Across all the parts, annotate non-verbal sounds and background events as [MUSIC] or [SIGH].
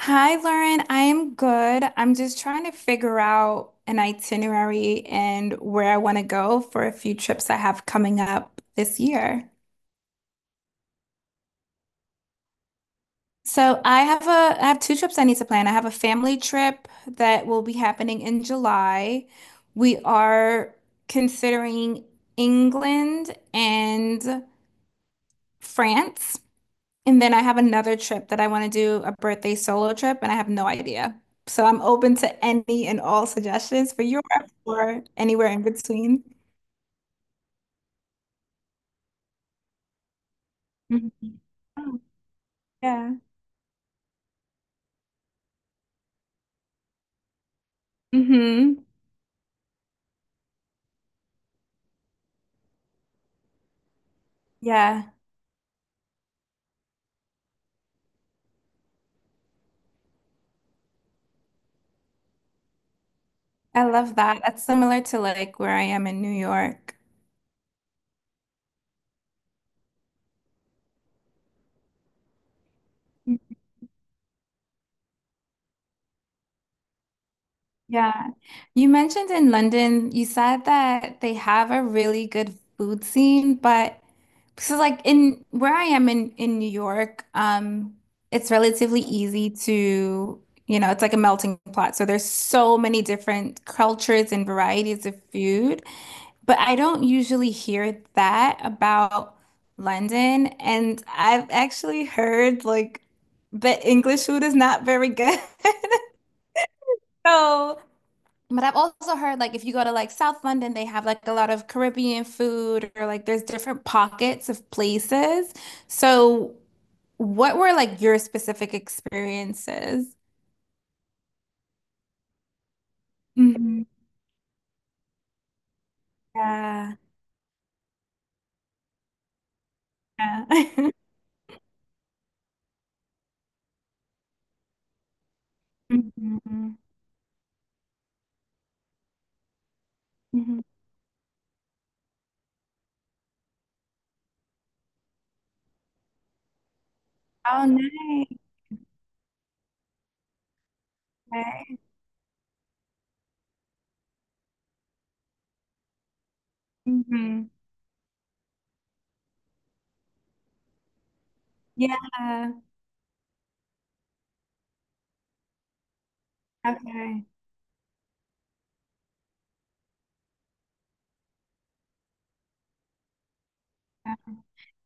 Hi, Lauren. I am good. I'm just trying to figure out an itinerary and where I want to go for a few trips I have coming up this year. So I have two trips I need to plan. I have a family trip that will be happening in July. We are considering England and France. And then I have another trip that I want to do, a birthday solo trip, and I have no idea. So I'm open to any and all suggestions for Europe or anywhere in between. Mhm. Oh, yeah. Hmm. Yeah. I love that. That's similar to like where I am in New York. Mm. Yeah. You mentioned in London, you said that they have a really good food scene, but so like in where I am in New York, it's relatively easy to, it's like a melting pot. So there's so many different cultures and varieties of food, but I don't usually hear that about London. And I've actually heard like that English food is not very good. [LAUGHS] So but I've also heard like if you go to like South London, they have like a lot of Caribbean food or like there's different pockets of places. So what were like your specific experiences? Mhm. Yeah. Yeah. [LAUGHS] Mhm. Mhm. Oh, nice. Okay. Mhm. Yeah. Okay.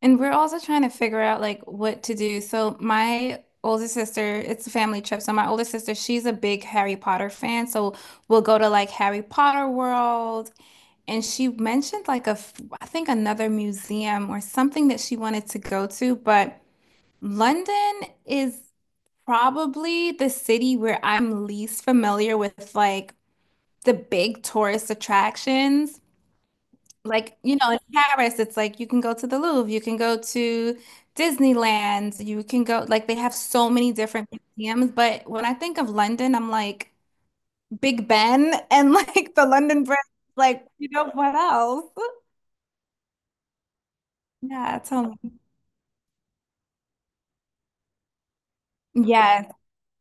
And we're also trying to figure out like what to do. So my older sister, it's a family trip. So my older sister, she's a big Harry Potter fan. So we'll go to like Harry Potter World. And she mentioned like I think another museum or something that she wanted to go to. But London is probably the city where I'm least familiar with like the big tourist attractions. Like, in Paris, it's like you can go to the Louvre, you can go to Disneyland, you can go, like, they have so many different museums. But when I think of London, I'm like Big Ben and [LAUGHS] like the London Bridge, like, what else? Yeah, tell me. Yes.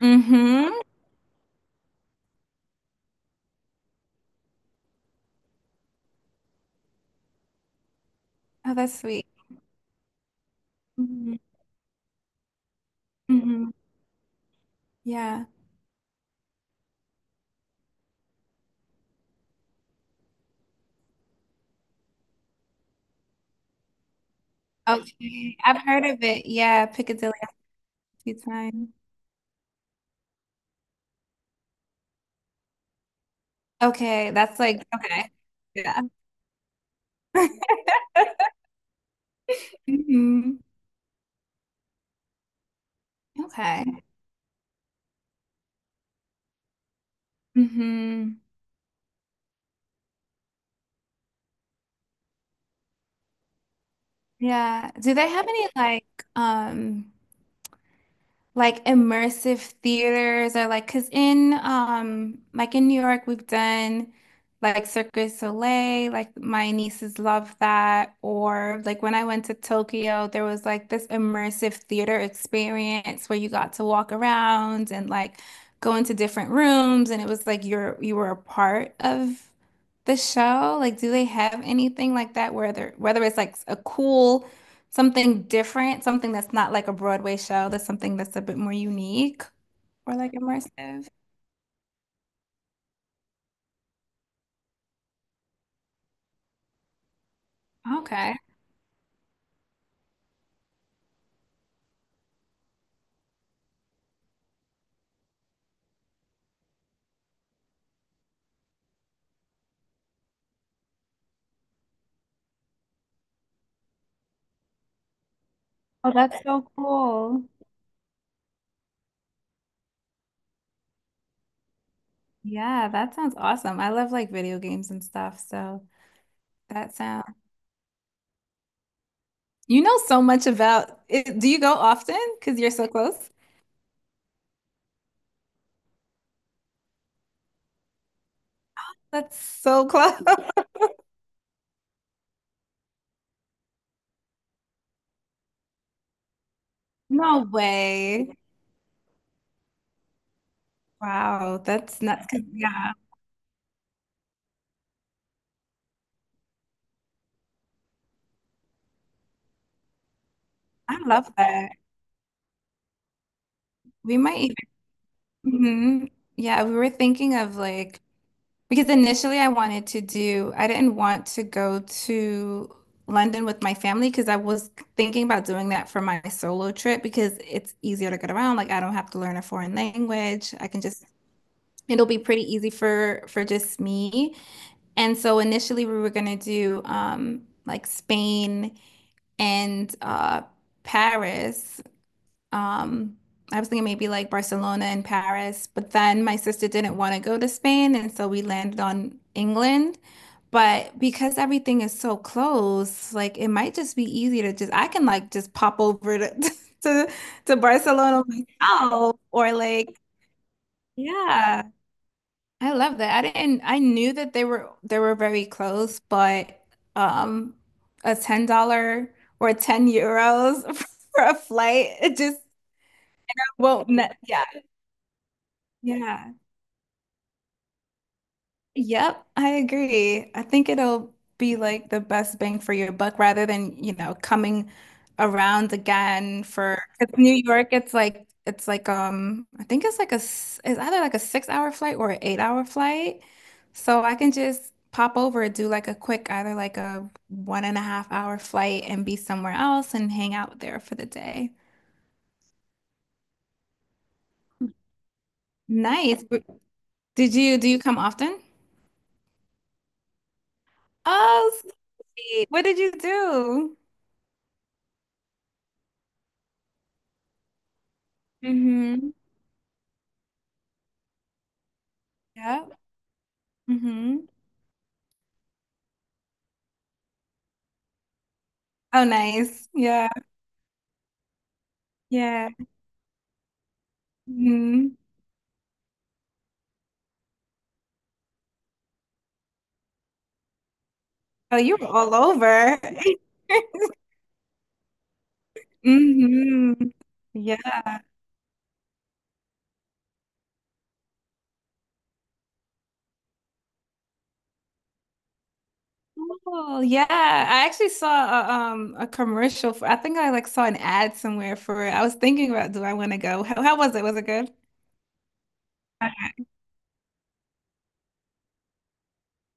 Mm-hmm. Oh, that's sweet. Hmm. Hmm. Yeah. Okay. I've heard of it. Yeah, Piccadilly a few times. Okay, that's like, okay. Yeah. [LAUGHS] Hmm. Okay. Hmm. Yeah. Do they have any like immersive theaters or like because in like in New York we've done like Cirque du Soleil, like my nieces love that. Or like when I went to Tokyo, there was like this immersive theater experience where you got to walk around and like go into different rooms and it was like you were a part of the show. Like do they have anything like that where they're whether it's like a cool something different, something that's not like a Broadway show, that's something that's a bit more unique or like immersive. Okay. Oh, that's so cool. Yeah, that sounds awesome. I love like video games and stuff, so that sounds. You know so much about it. Do you go often? Because you're so close. That's so close. [LAUGHS] No way. Wow, that's nuts. 'Cause, yeah, I love that. We might even, mhm. Yeah, we were thinking of like because initially I wanted to do, I didn't want to go to London with my family because I was thinking about doing that for my solo trip because it's easier to get around. Like I don't have to learn a foreign language. I can just, it'll be pretty easy for just me. And so initially we were gonna do like Spain and Paris. Um I was thinking maybe like Barcelona and Paris, but then my sister didn't want to go to Spain, and so we landed on England. But because everything is so close, like it might just be easy to just I can like just pop over to [LAUGHS] to, to Barcelona myself or like yeah, I love that. I didn't I knew that they were very close, but um a $10 or €10 [LAUGHS] for a flight, it just won't net. Yeah. Yeah. Yep, I agree. I think it'll be like the best bang for your buck rather than, coming around again for 'cause New York, it's like I think it's like it's either like a 6-hour flight or an 8-hour flight. So I can just pop over, do like a quick either like a 1.5-hour flight and be somewhere else and hang out there for the day. Nice. But Did you do you come often? Oh, sweet. What did you do? Mm-hmm. Hmm. Oh, nice. Yeah. Yeah. Hmm. Oh, you were all over. [LAUGHS] Hmm. Yeah. Oh, yeah. I actually saw a commercial for, I think I like saw an ad somewhere for it. I was thinking about do I want to go? How was it? Was it good?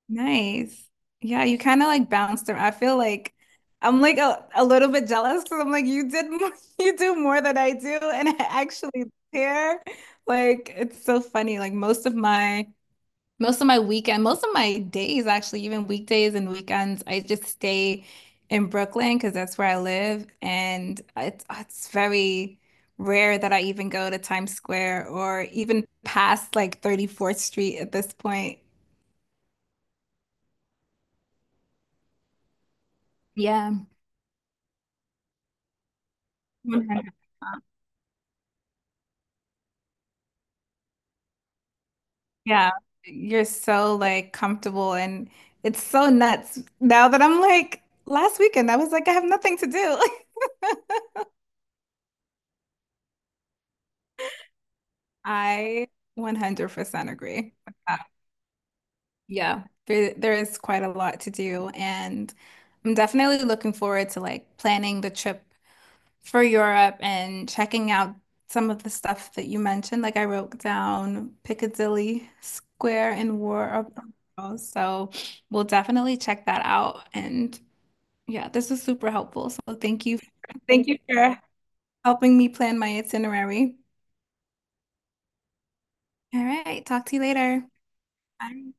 Nice. Yeah, you kind of like bounced around. I feel like I'm like a little bit jealous because I'm like you did more, [LAUGHS] you do more than I do and I actually care. Like it's so funny. Like most of my weekend, most of my days, actually, even weekdays and weekends, I just stay in Brooklyn because that's where I live. And it's very rare that I even go to Times Square or even past like 34th Street at this point. Yeah. [LAUGHS] 100%. Yeah. You're so like comfortable and it's so nuts now that I'm like, last weekend, I was like, I have nothing to do. [LAUGHS] I 100% agree. Yeah, there is quite a lot to do, and I'm definitely looking forward to like planning the trip for Europe and checking out some of the stuff that you mentioned. Like I wrote down Piccadilly Square and War of the Worlds, so we'll definitely check that out. And yeah, this was super helpful. So thank you for helping me plan my itinerary. All right, talk to you later. Bye.